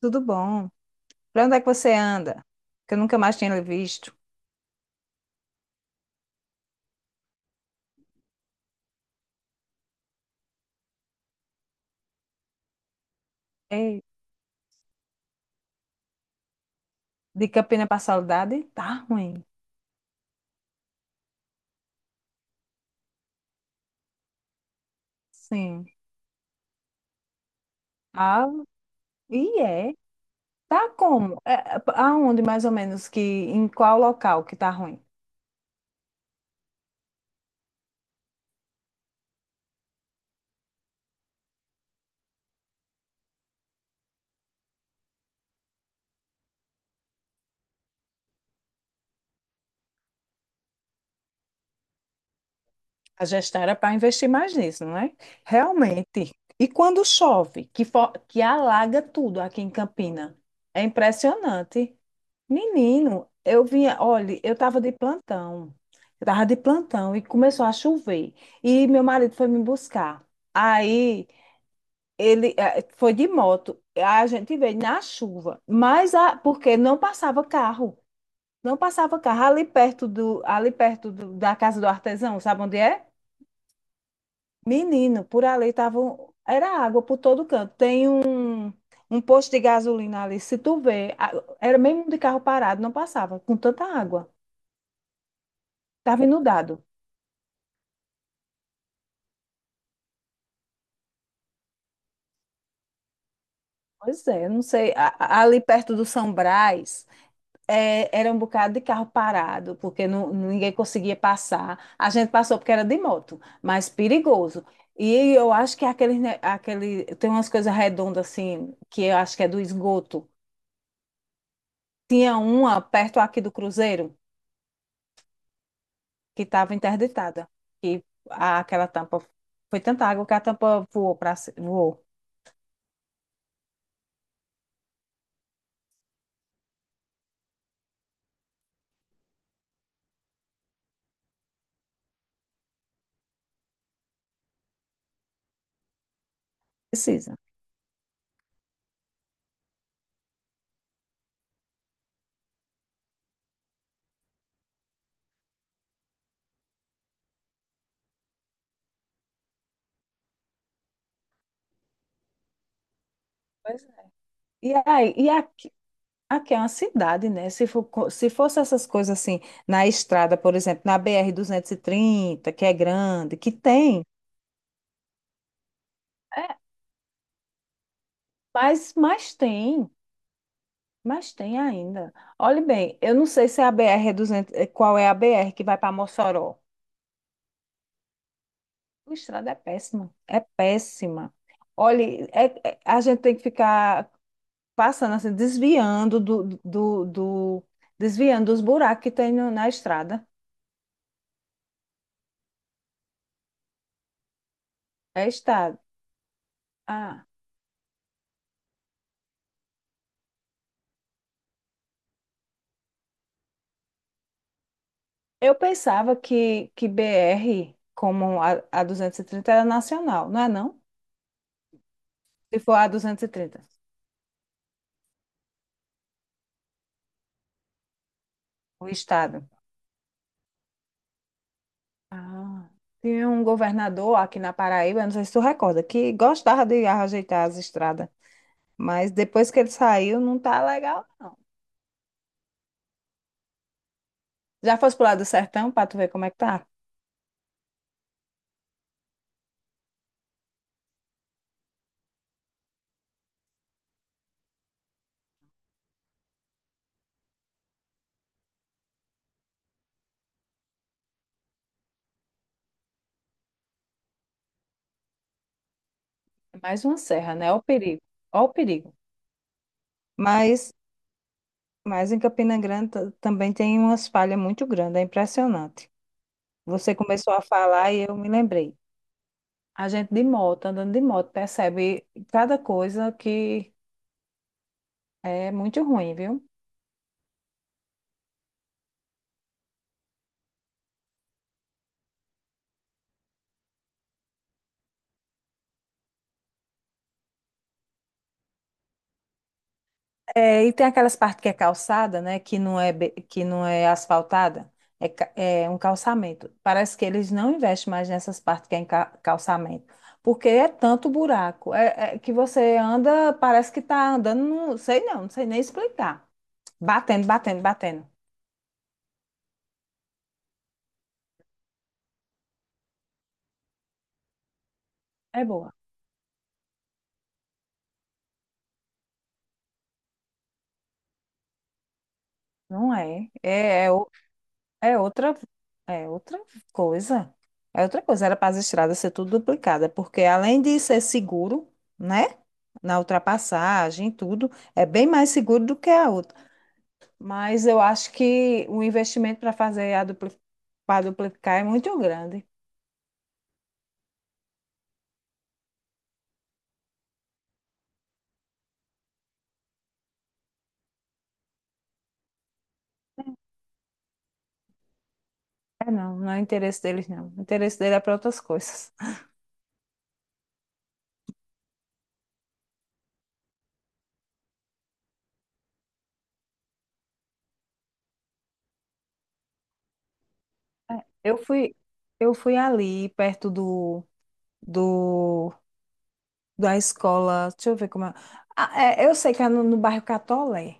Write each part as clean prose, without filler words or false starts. Tudo bom? Pra onde é que você anda? Que eu nunca mais tinha lhe visto. Ei, de Campina pra Saudade? Tá ruim. Sim. Ah, e é? Tá como? É, aonde mais ou menos que, em qual local que tá ruim? A gestão era para investir mais nisso, não é? Realmente. E quando chove, que, que alaga tudo aqui em Campina. É impressionante. Menino, eu vinha, olha, eu estava de plantão. Eu estava de plantão e começou a chover. E meu marido foi me buscar. Aí ele foi de moto. A gente veio na chuva, mas a, porque não passava carro. Não passava carro ali perto do, ali perto da casa do artesão, sabe onde é? Menino, por ali tava, era água por todo canto. Tem um posto de gasolina ali, se tu vê, era mesmo de carro parado, não passava com tanta água. Estava inundado. Pois é, eu não sei. A ali perto do São Brás, é, era um bocado de carro parado, porque não, ninguém conseguia passar. A gente passou porque era de moto, mas perigoso. E eu acho que aquele, aquele, tem umas coisas redondas assim, que eu acho que é do esgoto. Tinha uma perto aqui do Cruzeiro, que estava interditada. E aquela tampa, foi tanta água que a tampa voou para voou. Precisa. Pois é. E Aqui é uma cidade, né? Se for, se fosse essas coisas assim, na estrada, por exemplo, na BR 30, que é grande, que tem, é, mas, mas tem, mas tem ainda. Olhe bem, eu não sei se é a BR é 200, qual é a BR que vai para Mossoró. A estrada é péssima, é péssima. Olhe, a gente tem que ficar passando assim, desviando desviando dos buracos que tem na estrada. É estrada. Eu pensava que BR, como a 230, era nacional, não é não? Se for a 230, o estado. Ah, tinha um governador aqui na Paraíba, não sei se tu recorda, que gostava de ajeitar as estradas, mas depois que ele saiu, não tá legal, não. Já fosse pro lado do sertão para tu ver como é que tá? É mais uma serra, né? Ó o perigo, ó o perigo. Mas, mas em Campina Grande também tem umas falhas muito grandes, é impressionante. Você começou a falar e eu me lembrei. A gente de moto, andando de moto, percebe cada coisa que é muito ruim, viu? É, e tem aquelas partes que é calçada, né? Que não é, que não é asfaltada, é, é um calçamento. Parece que eles não investem mais nessas partes que é em calçamento, porque é tanto buraco, é, é que você anda, parece que está andando, não sei não, não sei nem explicar. Batendo, batendo, batendo. É boa. Não é. É. É outra, é outra coisa. É outra coisa. Era para as estradas ser tudo duplicada, porque além de ser seguro, né? Na ultrapassagem, tudo, é bem mais seguro do que a outra. Mas eu acho que o investimento para fazer a dupli para duplicar é muito grande. É não, não é interesse deles, não. O interesse dele é para outras coisas. Eu fui, eu fui ali perto do, do da escola, deixa eu ver como é. Ah, é, eu sei que é no, no bairro Catolé.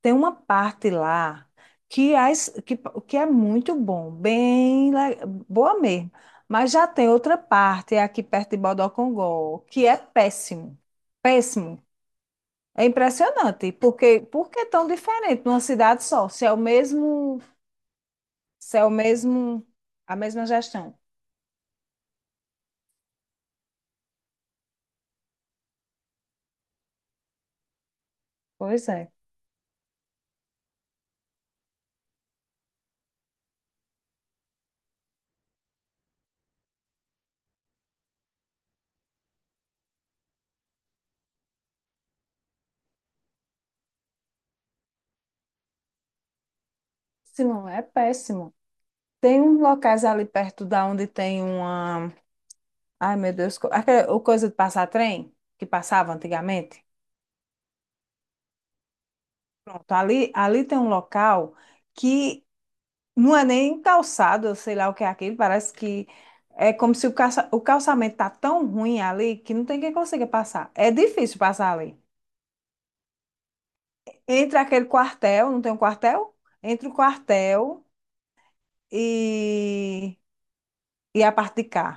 Tem uma parte lá que, as, que é muito bom, boa mesmo. Mas já tem outra parte, é aqui perto de Bodocongó, que é péssimo. Péssimo. É impressionante, porque por que tão diferente numa cidade só? Se é o mesmo, a mesma gestão. Pois é. Péssimo, é péssimo. Tem uns locais ali perto da onde tem uma Ai, meu Deus. Aquela o coisa de passar trem que passava antigamente. Pronto, ali tem um local que não é nem calçado, eu sei lá o que é aquilo. Parece que é como se o, calça, o calçamento tá tão ruim ali que não tem quem consiga passar. É difícil passar ali. Entre aquele quartel, não tem um quartel? Entre o quartel e, e a parte de cá.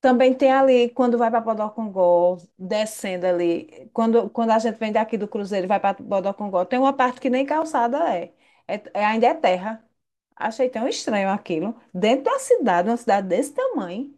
Também tem ali, quando vai para Bodocongó, descendo ali, quando a gente vem daqui do Cruzeiro e vai para Bodocongó, tem uma parte que nem calçada é. Ainda é terra. Achei tão estranho aquilo. Dentro da cidade, uma cidade desse tamanho,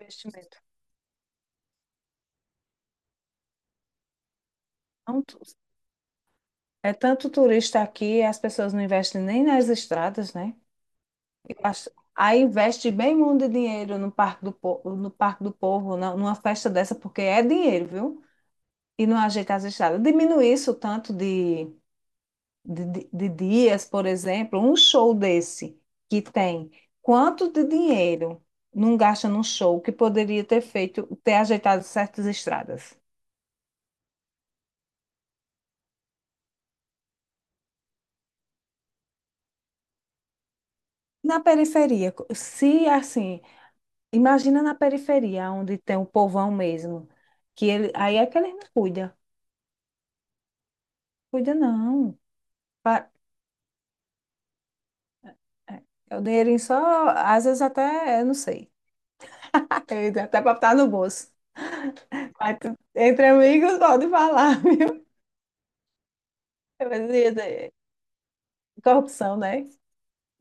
investimento. Tão É tanto turista aqui, as pessoas não investem nem nas estradas, né? Eu acho- Aí investe bem muito dinheiro no Parque do, no Parque do Povo, numa festa dessa, porque é dinheiro, viu? E não ajeita as estradas. Diminui isso tanto de de dias, por exemplo, um show desse que tem quanto de dinheiro não gasta num show que poderia ter feito, ter ajeitado certas estradas? Na periferia, se assim, imagina na periferia, onde tem o povão mesmo, que ele, aí é que ele não cuida, cuida não. Pa- É é o dinheirinho só, às vezes até, eu não sei, ele até para botar no bolso. Mas entre amigos pode falar, viu? Eu ia dizer, Corrupção, né?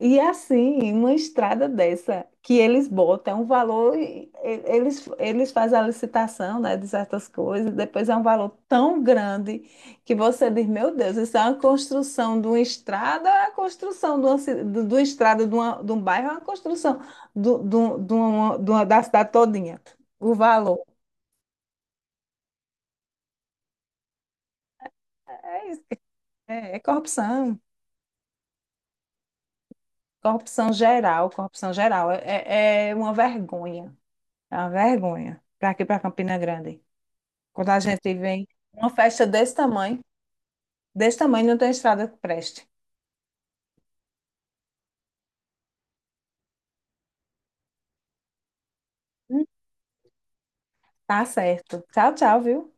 E assim, uma estrada dessa que eles botam é um valor, eles, eles fazem a licitação, né, de certas coisas, depois é um valor tão grande que você diz, meu Deus, isso é uma construção de uma estrada, é a construção de uma, de uma estrada de, de um bairro, é uma construção de uma, da cidade todinha. O valor. É, isso, é, é corrupção, corrupção geral, corrupção geral. É é uma vergonha para aqui, para Campina Grande. Quando a gente vem uma festa desse tamanho não tem estrada que preste. Hum. Tá certo. Tchau, tchau, viu?